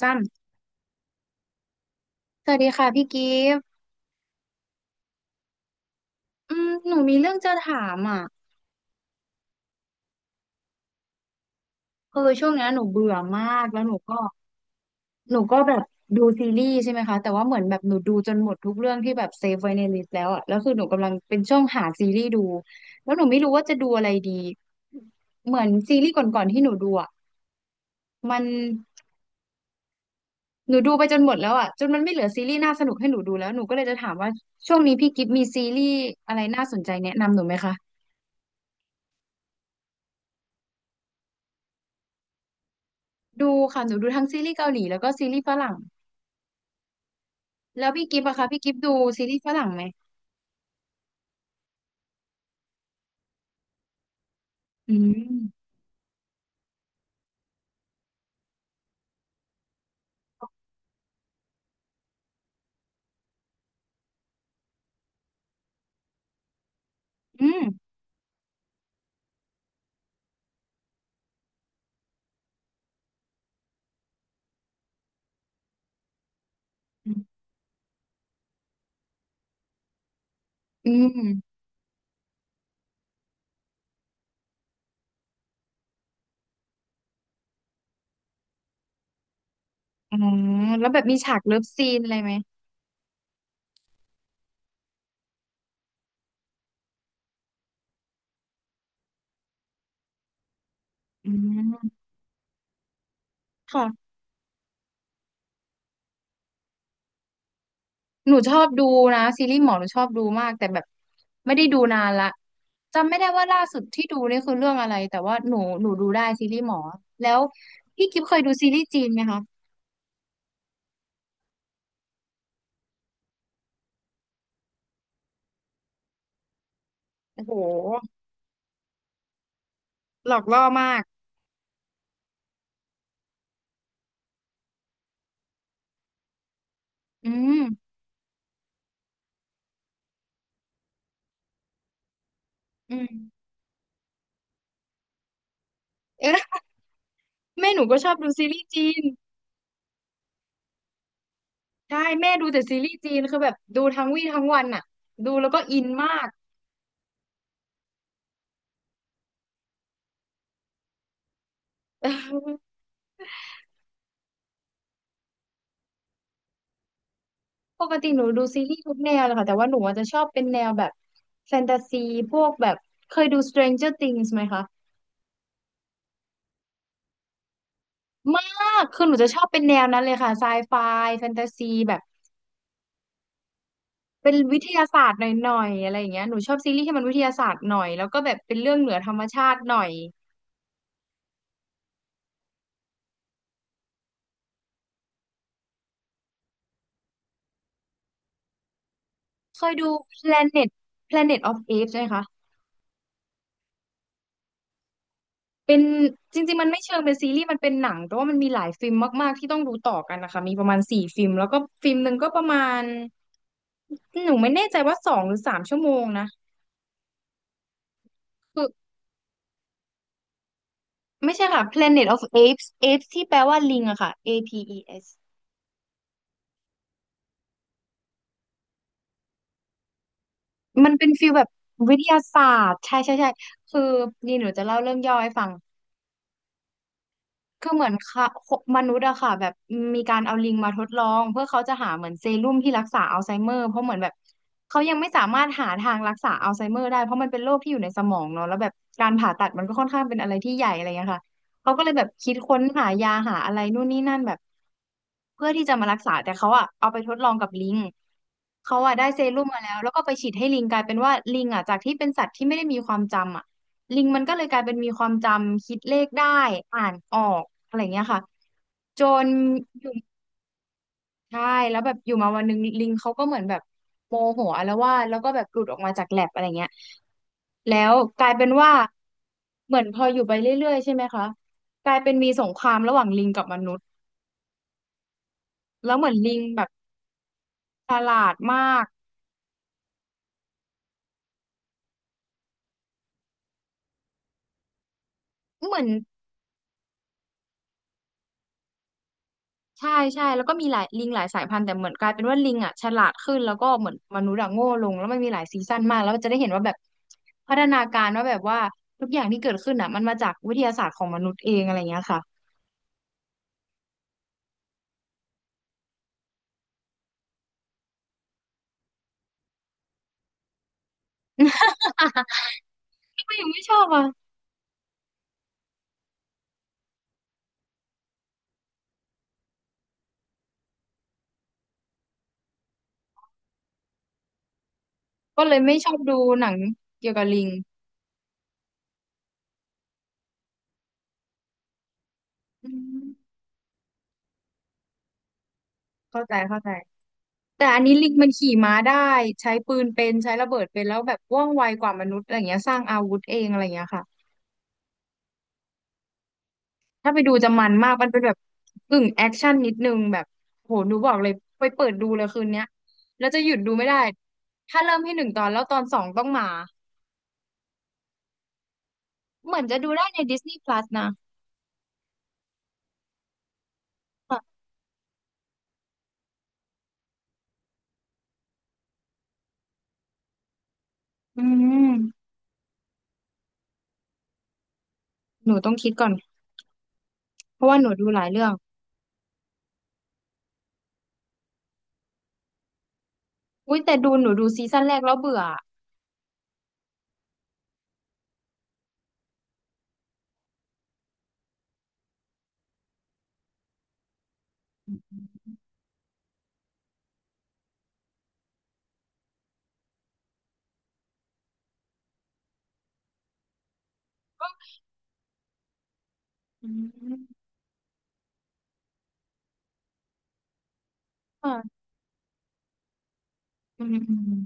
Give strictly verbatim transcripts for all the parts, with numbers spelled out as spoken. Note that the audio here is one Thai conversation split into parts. ซ้ำสวัสดีค่ะพี่กิฟต์อืมหนูมีเรื่องจะถามอ่ะคือช่วงเนี้ยหนูเบื่อมากแล้วหนูก็หนูก็แบบดูซีรีส์ใช่ไหมคะแต่ว่าเหมือนแบบหนูดูจนหมดทุกเรื่องที่แบบเซฟไว้ในลิสต์แล้วอ่ะแล้วคือหนูกำลังเป็นช่วงหาซีรีส์ดูแล้วหนูไม่รู้ว่าจะดูอะไรดีเหมือนซีรีส์ก่อนๆที่หนูดูอ่ะมันหนูดูไปจนหมดแล้วอ่ะจนมันไม่เหลือซีรีส์น่าสนุกให้หนูดูแล้วหนูก็เลยจะถามว่าช่วงนี้พี่กิฟต์มีซีรีส์อะไรน่าสนใจแนะนำหนูไหมคะดูค่ะหนูดูทั้งซีรีส์เกาหลีแล้วก็ซีรีส์ฝรั่ง แล้วพี่กิฟต์อะคะพี่กิฟต์ดูซีรีส์ฝรั่งไหมอืมอืมอืมอ๋อแล้วแบบมีฉากเลิฟซีนอะไรไหมอืมค่ะหนูชอบดูนะซีรีส์หมอหนูชอบดูมากแต่แบบไม่ได้ดูนานละจำไม่ได้ว่าล่าสุดที่ดูนี่คือเรื่องอะไรแต่ว่าหนูหนูดูได้ซีรีส์หมอแล้วพี่กิฟเคยดูซีรีส์จีนไหมคะโอ้โหหลอกล่อมากอืมอืมเออแม่หนูก็ชอบดูซีรีส์จีน ใช่แม่ดูแต่ซีรีส์จีนคือแบบดูทั้งวี่ทั้งวันอ่ะดูแล้วก็อินมาก เออปกติหนูดูซีรีส์ทุกแนวเลยค่ะแต่ว่าหนูอาจจะชอบเป็นแนวแบบแฟนตาซีพวกแบบเคยดู Stranger Things ไหมคะมากคือหนูจะชอบเป็นแนวนั้นเลยค่ะไซไฟแฟนตาซีแบบเป็นวิทยาศาสตร์หน่อยๆอะไรอย่างเงี้ยหนูชอบซีรีส์ที่มันวิทยาศาสตร์หน่อยแล้วก็แบบเป็นเรื่องเหนือธรรมชาติหน่อยเคยดู Planet Planet of Apes ไหมคะ เป็นจริงๆ มันไม่เชิงเป็นซีรีส์มันเป็นหนังแต่ว่ามันมีหลายฟิล์มมากๆที่ต้องดูต่อกันนะคะ มีประมาณสี่ฟิล์มแล้วก็ฟิล์มหนึ่งก็ประมาณหนูไม่แน่ใจว่าสองหรือสามชั่วโมงนะคือไม่ใช่ค่ะ Planet of Apes Apes ที่แปลว่าลิงอะค่ะ เอ พี อี เอส มันเป็นฟิลแบบวิทยาศาสตร์ใช่ใช่ใช่คือนี่หนูจะเล่าเรื่องย่อให้ฟัง ก็เหมือนค่ะมนุษย์อะค่ะแบบมีการเอาลิงมาทดลองเพื่อเขาจะหาเหมือนเซรุ่มที่รักษาอัลไซเมอร์เพราะเหมือนแบบเขายังไม่สามารถหาทางรักษาอัลไซเมอร์ได้เพราะมันเป็นโรคที่อยู่ในสมองเนาะแล้วแบบการผ่าตัดมันก็ค่อนข้างเป็นอะไรที่ใหญ่อะไรเงี้ยค่ะเขาก็เลยแบบคิดค้นหายาหาอะไรนู่นนี่นั่นแบบเพื่อที่จะมารักษาแต่เขาอะเอาไปทดลองกับลิงเขาอะได้เซรุ่มมาแล้วแล้วก็ไปฉีดให้ลิงกลายเป็นว่าลิงอะจากที่เป็นสัตว์ที่ไม่ได้มีความจำอะ ลิงมันก็เลยกลายเป็นมีความจำคิดเลขได้อ่านออกอะไรเงี้ยค่ะจนอยู่ใช่แล้วแบบอยู่มาวันหนึ่งลิงเขาก็เหมือนแบบโมโหอาละวาดแล้วก็แบบหลุดออกมาจากแลบอะไรเงี้ยแล้วกลายเป็นว่าเหมือนพออยู่ไปเรื่อยๆใช่ไหมคะกลายเป็นมีสงครามระหว่างลิงกับมนุษย์แล้วเหมือนลิงแบบฉลาดมากเหมือน ใช่ใช่แล้วก็มีหลายลิงหลายสายพันธุ์แต่เหมือนกลายเป็นว่าลิงอ่ะฉลาดขึ้นแล้วก็เหมือนมนุษย์อะโง่ลงแล้วมันมีหลายซีซั่นมากแล้วจะได้เห็นว่าแบบพัฒนาการว่าแบบว่าทุกอย่างที่เกิดขึ้นอ่ะมันมาจากวิทยาศาสตร์ของมนุษย์เองอะไรอย่างเงี้ยค่ะ ก็ยังไม่ชอบอ่ะก็เลยไม่ชอบดูหนังเกี่ยวกับลิงอืมเข้าใจเข้าใจแต่อันนี้ลิงมันขี่ม้าได้ใช้ปืนเป็นใช้ระเบิดเป็นแล้วแบบว่องไวกว่ามนุษย์อะไรอย่างเงี้ยสร้างอาวุธเองอะไรอย่างเงี้ยค่ะ ถ้าไปดูจะมันมากมันเป็นแบบกึ่งแอคชั่นนิดนึงแบบโหหนูบอกเลยไปเปิดดูเลยคืนเนี้ยแล้วจะหยุดดูไม่ได้ถ้าเริ่มให้หนึ่งตอนแล้วตอนสองต้องมาเหมือนจะดูได้ใน Disney Plus นะค่ะอืมหนูต้องคิดก่อนเพราะว่าหนูดูหลายเรื่องอุ้ยแต่ดูหนูดูซีซั่นแรกแล้วเบื่ออืมค่ะอืมอืมอืม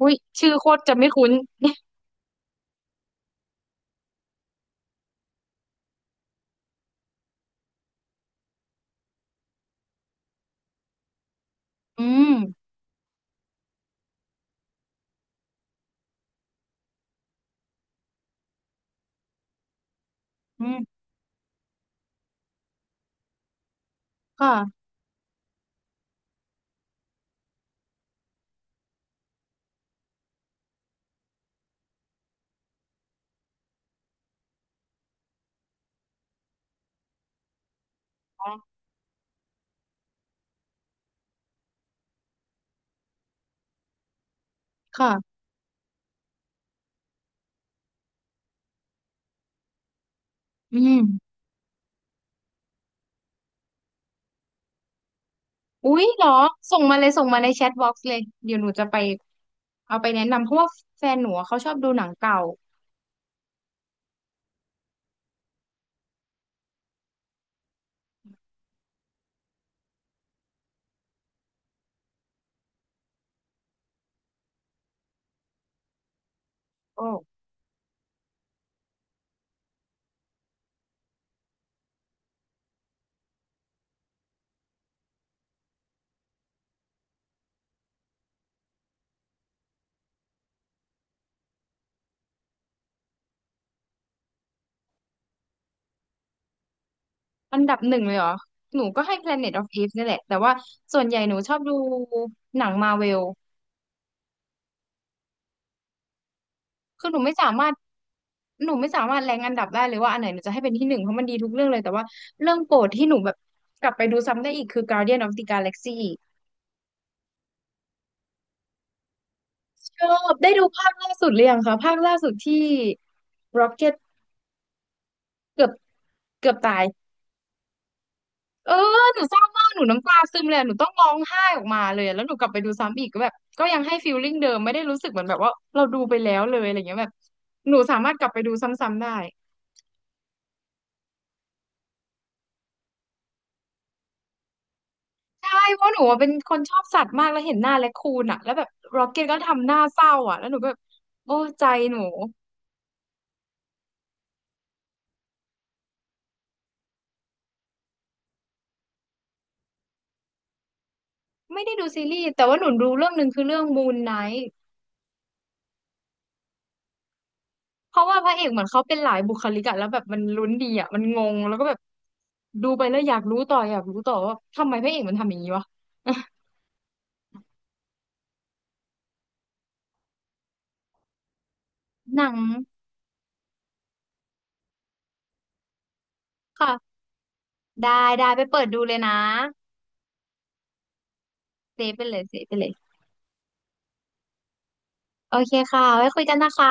อุ้ยชื่อโคตรจะไม่คุ้นอืมอืมค่ะค่ะอืม อุ๊ยเหรอส่งมาเลยส่งมาในแชทบ็อกซ์เลยเดี๋ยวหนูจะไปเอาไปแนะนำเพราะว่าแฟนหนูอะเขาชอบดูหนังเก่าโอ้อันดับหนึ่งเลยเหรอหนูก็ให้ Planet of Apes นี่แหละแต่ว่าส่วนใหญ่หนูชอบดูหนังมาเวลคือหนูไม่สามารถหนูไม่สามารถแรงอันดับได้เลยว่าอันไหนหนูจะให้เป็นที่หนึ่งเพราะมันดีทุกเรื่องเลยแต่ว่าเรื่องโปรดที่หนูแบบกลับไปดูซ้ำได้อีกคือ Guardian of the Galaxy ชอบได้ดูภาคล่าสุดหรือยังคะภาคล่าสุดที่ Rocket เกือบเกือบตาย เออหนูเศร้ามากหนูน้ำตาซึมเลยอะหนูต้องร้องไห้ออกมาเลยอะแล้วหนูกลับไปดูซ้ำอีกก็แบบก็ยังให้ฟีลลิ่งเดิมไม่ได้รู้สึกเหมือนแบบว่าเราดูไปแล้วเลยอะไรเงี้ยแบบหนูสามารถกลับไปดูซ้ำๆได้ใช่เพราะหนูอะเป็นคนชอบสัตว์มากแล้วเห็นหน้าแร็คคูนอะแล้วแบบร็อกเก็ตก็ทำหน้าเศร้าอะแล้วหนูก็แบบโอ้ใจหนูไม่ได้ดูซีรีส์แต่ว่าหนูดูเรื่องหนึ่งคือเรื่องมูนไนท์เพราะว่าพระเอกเหมือนเขาเป็นหลายบุคลิกอะแล้วแบบมันลุ้นดีอะมันงงแล้วก็แบบดูไปแล้วอยากรู้ต่ออยากรู้ต่อว่าทำไมพระเอกมันทำอย่างนี้วะ หนังค่ะได้ได้ไปเปิดดูเลยนะเซฟไปเลยเซฟไปเลยโอเคค่ะไว้คุยกันนะคะ